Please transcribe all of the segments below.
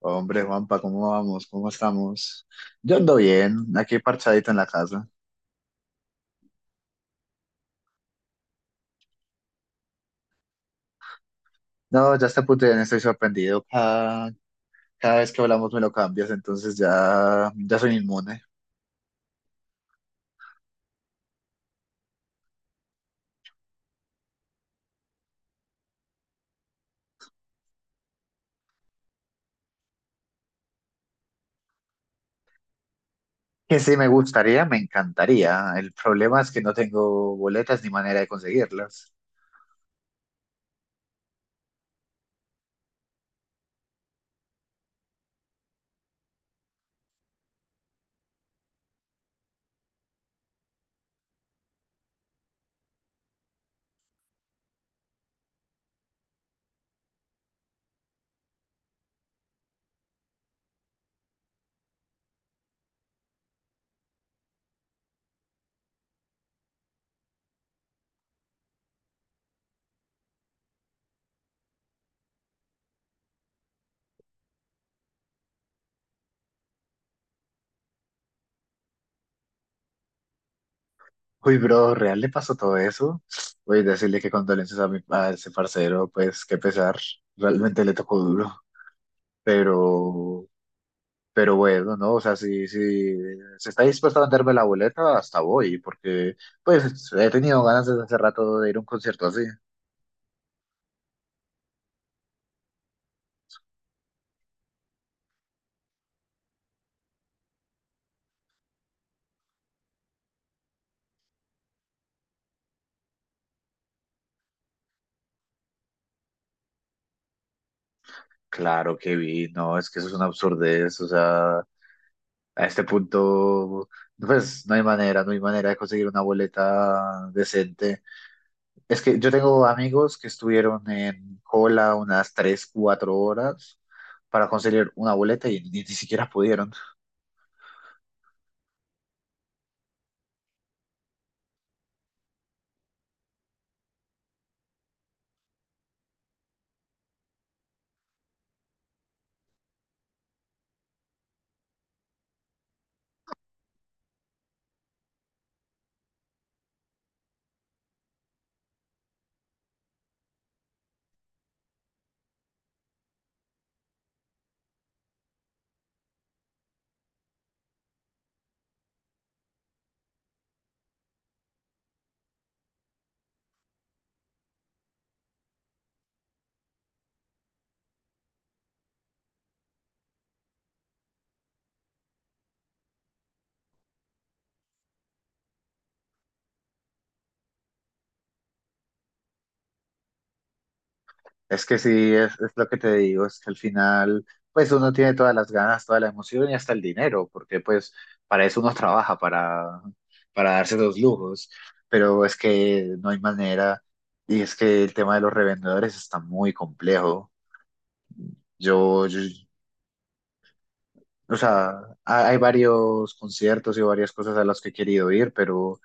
Hombre, Juanpa, ¿cómo vamos? ¿Cómo estamos? Yo ando bien, aquí parchadito en la casa. No, ya está puto, estoy sorprendido. Cada vez que hablamos me lo cambias, entonces ya, ya soy inmune. Que sí me gustaría, me encantaría. El problema es que no tengo boletas ni manera de conseguirlas. Uy, bro, ¿real le pasó todo eso? Voy a decirle que condolencias a mi, a ese parcero, pues qué pesar. Realmente le tocó duro. Pero Pero bueno, ¿no? O sea, si se está dispuesto a venderme la boleta, hasta voy, porque pues he tenido ganas desde hace rato de ir a un concierto así. Claro que vi, no, es que eso es una absurdez, o sea, a este punto, pues no hay manera, no hay manera de conseguir una boleta decente. Es que yo tengo amigos que estuvieron en cola unas 3 4 horas para conseguir una boleta y ni siquiera pudieron. Es que sí, es lo que te digo, es que al final, pues uno tiene todas las ganas, toda la emoción y hasta el dinero, porque pues para eso uno trabaja, para darse los lujos, pero es que no hay manera y es que el tema de los revendedores está muy complejo. Yo, yo- o sea, ha- hay varios conciertos y varias cosas a las que he querido ir, pero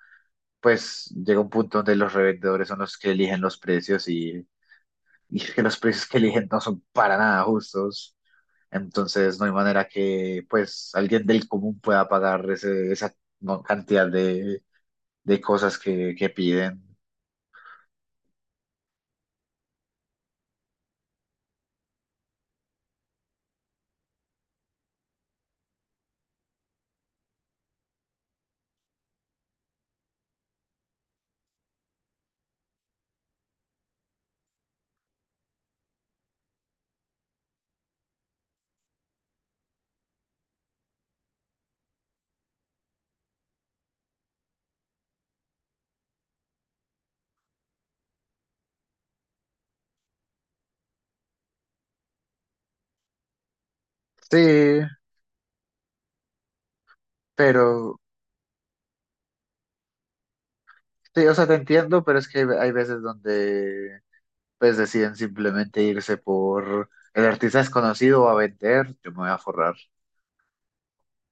pues llega un punto donde los revendedores son los que eligen los precios y es que los precios que eligen no son para nada justos. Entonces no hay manera que pues alguien del común pueda pagar ese- esa mo- cantidad de cosas que piden. Sí, pero sí, o sea, te entiendo, pero es que hay veces donde pues deciden simplemente irse por el artista es conocido va a vender, yo me voy a forrar.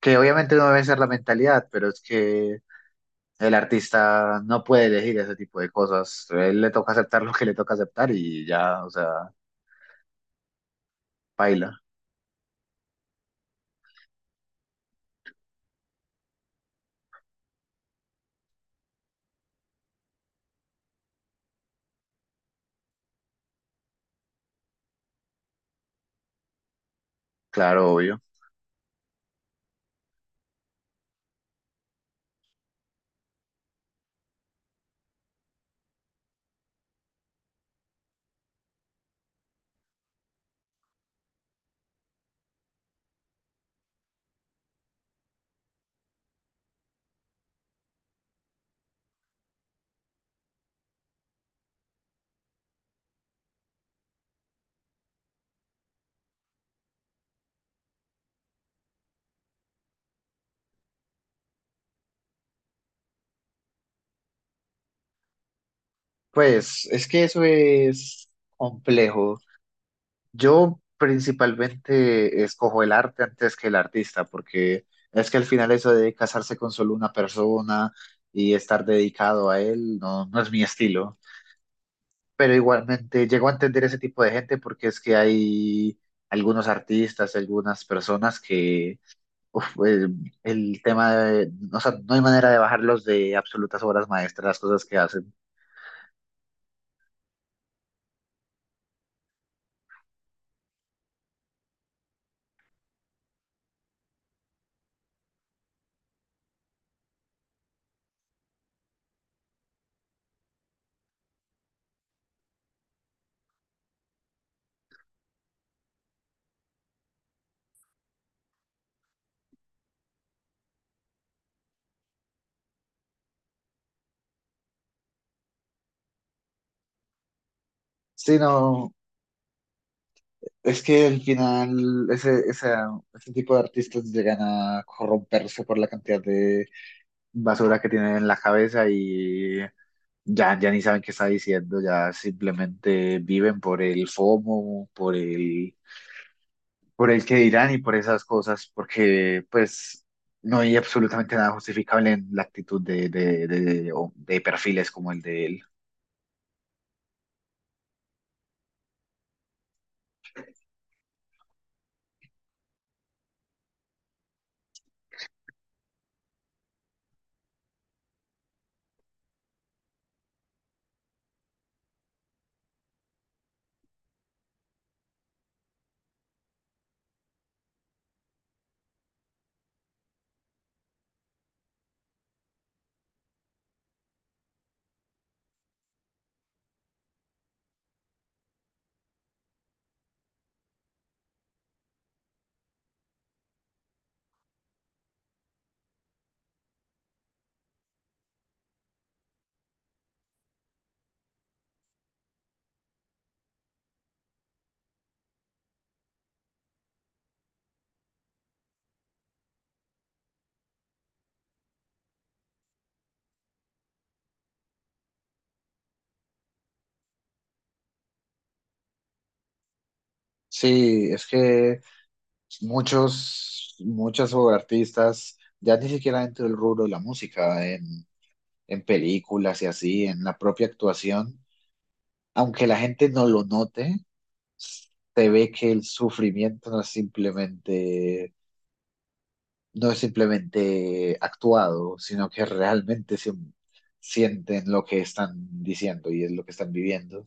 Que obviamente no debe ser la mentalidad, pero es que el artista no puede elegir ese tipo de cosas. A él le toca aceptar lo que le toca aceptar y ya, o sea, baila, claro, obvio. Pues es que eso es complejo. Yo principalmente escojo el arte antes que el artista, porque es que al final eso de casarse con solo una persona y estar dedicado a él no, no es mi estilo. Pero igualmente llego a entender ese tipo de gente porque es que hay algunos artistas, algunas personas que uf, el tema de, o sea, no hay manera de bajarlos de absolutas obras maestras, las cosas que hacen. Sí, no, es que al final ese, esa- ese tipo de artistas llegan a corromperse por la cantidad de basura que tienen en la cabeza y ya, ya ni saben qué está diciendo, ya simplemente viven por el FOMO, por el que dirán y por esas cosas, porque pues no hay absolutamente nada justificable en la actitud de o de perfiles como el de él. Sí, es que muchos, muchas artistas, ya ni siquiera dentro del rubro de la música, en películas y así, en la propia actuación, aunque la gente no lo note, se ve que el sufrimiento no es simplemente, no es simplemente actuado, sino que realmente se, sienten lo que están diciendo y es lo que están viviendo.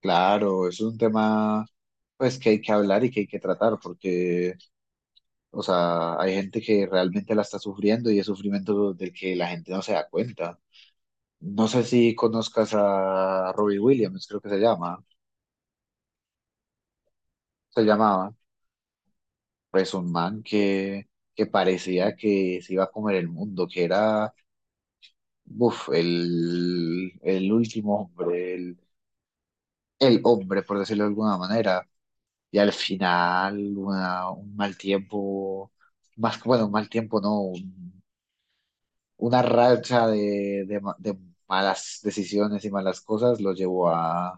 Claro, es un tema pues que hay que hablar y que hay que tratar, porque o sea, hay gente que realmente la está sufriendo y es sufrimiento del que la gente no se da cuenta. No sé si conozcas a Robbie Williams, creo que se llama. Se llamaba, pues un man que parecía que se iba a comer el mundo, que era, buf, el último hombre, el hombre, por decirlo de alguna manera. Y al final, una- un mal tiempo, más que, bueno, un mal tiempo, no, una racha de ma- de malas decisiones y malas cosas lo llevó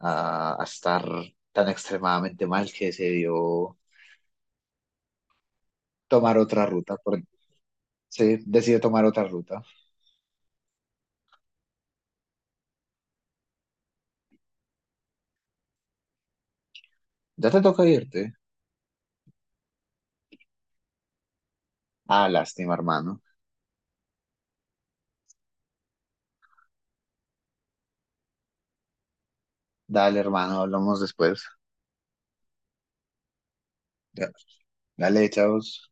a estar tan extremadamente mal que decidió tomar otra ruta. Por, sí, decidió tomar otra ruta. Ya te toca irte. Ah, lástima, hermano. Dale, hermano, hablamos después. Ya. Dale, chavos.